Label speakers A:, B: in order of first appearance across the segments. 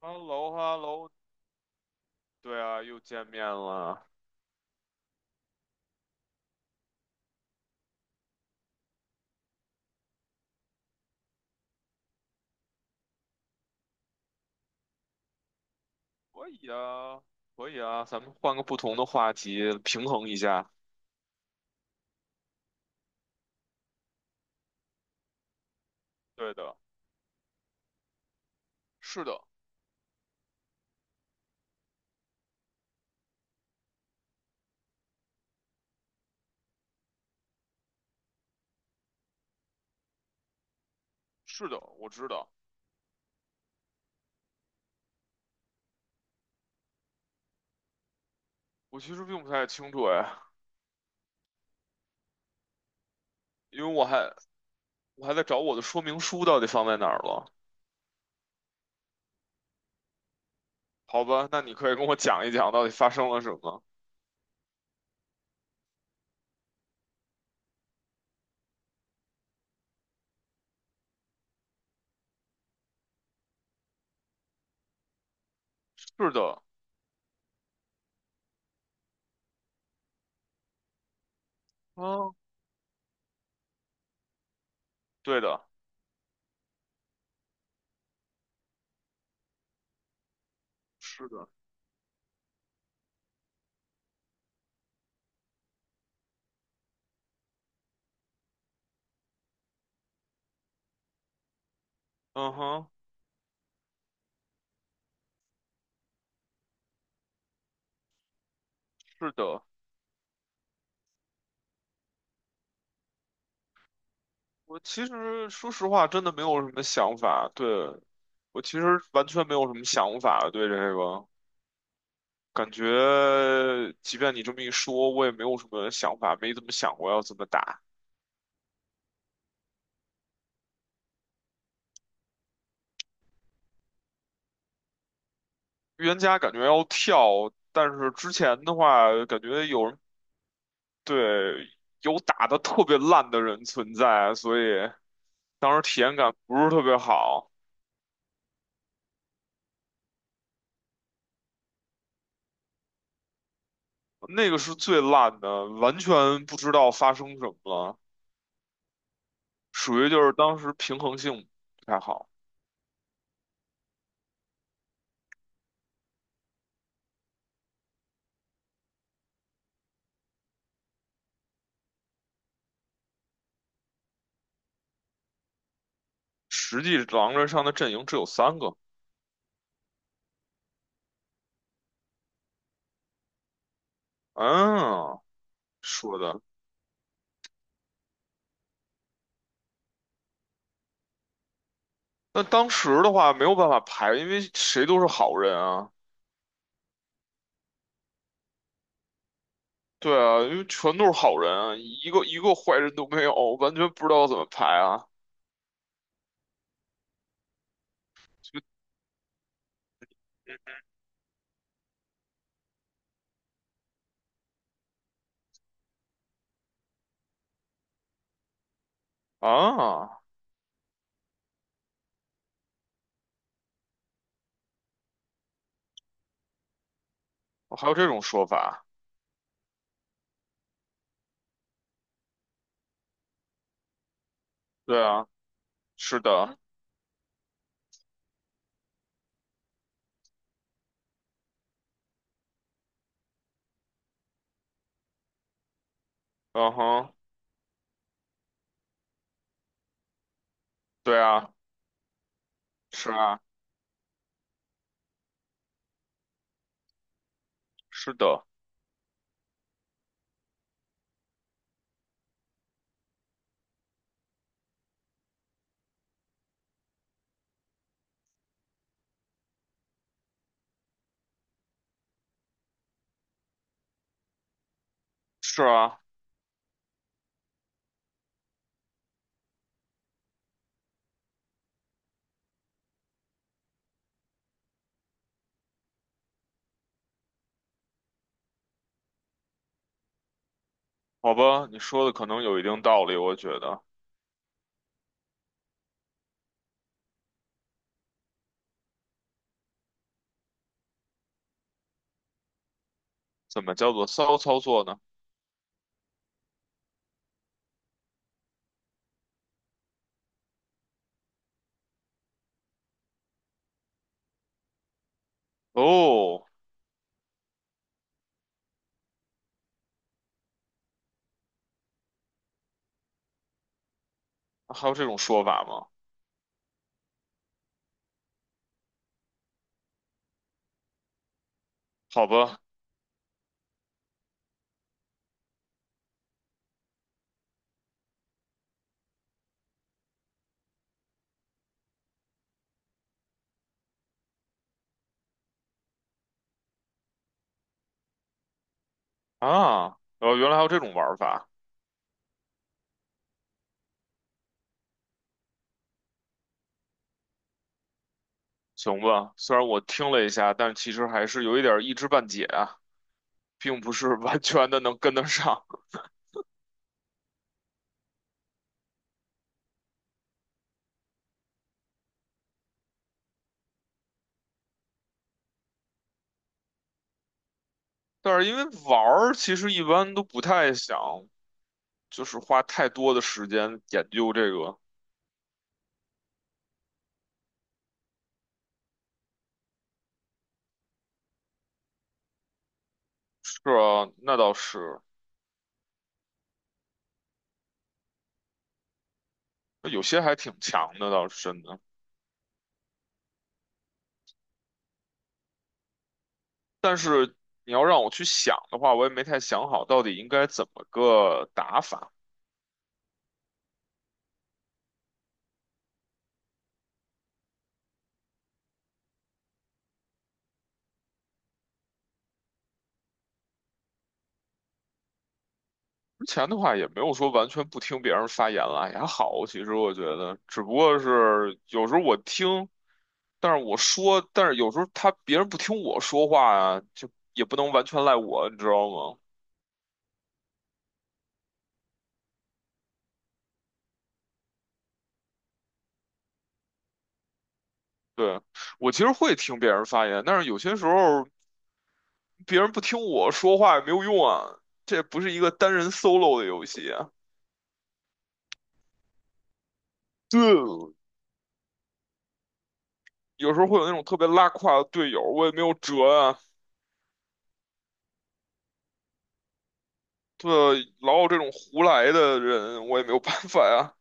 A: h e l l o h e l l o 对啊，又见面了。可以啊，可以啊，咱们换个不同的话题，平衡一下。对的，是的，是的，我知道。我其实并不太清楚哎，因为我还在找我的说明书到底放在哪儿了。好吧，那你可以跟我讲一讲到底发生了什么。是的，嗯，对的，是的，嗯哼，是的。我其实说实话，真的没有什么想法。对，我其实完全没有什么想法对这个。感觉即便你这么一说，我也没有什么想法，没怎么想过要怎么打。预言家感觉要跳，但是之前的话，感觉有人对有打的特别烂的人存在，所以当时体验感不是特别好。那个是最烂的，完全不知道发生什么了，属于就是当时平衡性不太好。实际狼人上的阵营只有三个，嗯，说的。那当时的话没有办法排，因为谁都是好人啊，对啊，因为全都是好人啊，一个一个坏人都没有，完全不知道怎么排啊。就啊，还有这种说法？对啊，是的，嗯哼，对啊，是啊，是的，是啊，好吧，你说的可能有一定道理，我觉得。怎么叫做骚操作呢？哦，还有这种说法吗？好吧，啊，哦，原来还有这种玩法。行吧，虽然我听了一下，但其实还是有一点儿一知半解啊，并不是完全的能跟得上。但是因为玩儿，其实一般都不太想，就是花太多的时间研究这个。是啊，那倒是，那有些还挺强的，倒是真的。你要让我去想的话，我也没太想好到底应该怎么个打法。之前的话也没有说完全不听别人发言了，也还好。其实我觉得，只不过是有时候我听。但是我说，但是有时候他别人不听我说话啊，就也不能完全赖我，你知道吗？对，我其实会听别人发言，但是有些时候别人不听我说话也没有用啊，这不是一个单人 solo 的游戏啊。对，有时候会有那种特别拉胯的队友，我也没有辙啊。对，老有这种胡来的人，我也没有办法呀。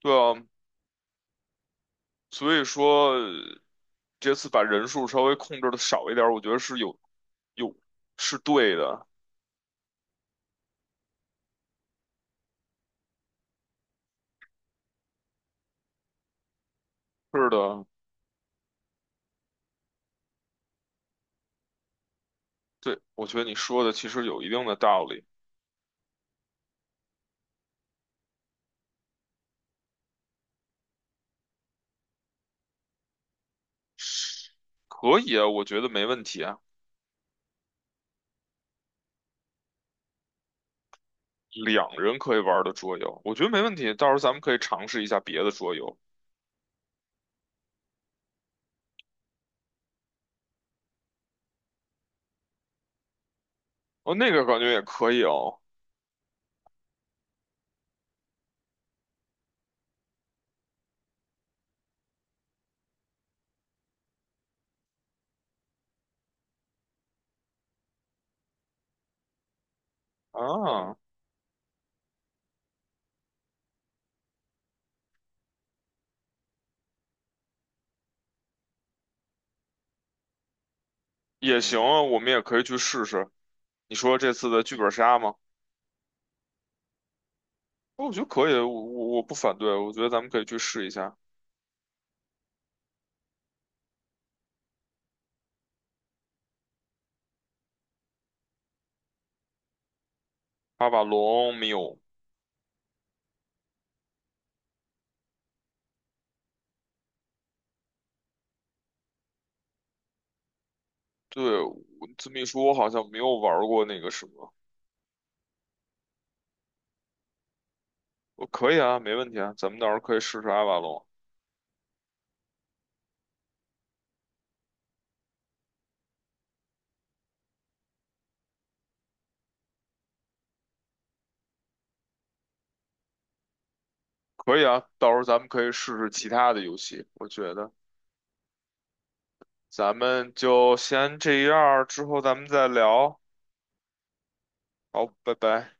A: 对啊，所以说这次把人数稍微控制的少一点儿，我觉得是有是对的。是的，对，我觉得你说的其实有一定的道理，可以啊，我觉得没问题啊，两人可以玩的桌游，我觉得没问题，到时候咱们可以尝试一下别的桌游，哦，那个感觉也可以哦，啊，也行啊，我们也可以去试试。你说这次的剧本杀吗？哦我觉得可以，我不反对，我觉得咱们可以去试一下。阿瓦隆没有，对，我这么一说，我好像没有玩过那个什么，我可以啊，没问题啊，咱们到时候可以试试阿瓦隆。可以啊，到时候咱们可以试试其他的游戏，我觉得咱们就先这样儿之后咱们再聊。好，拜拜。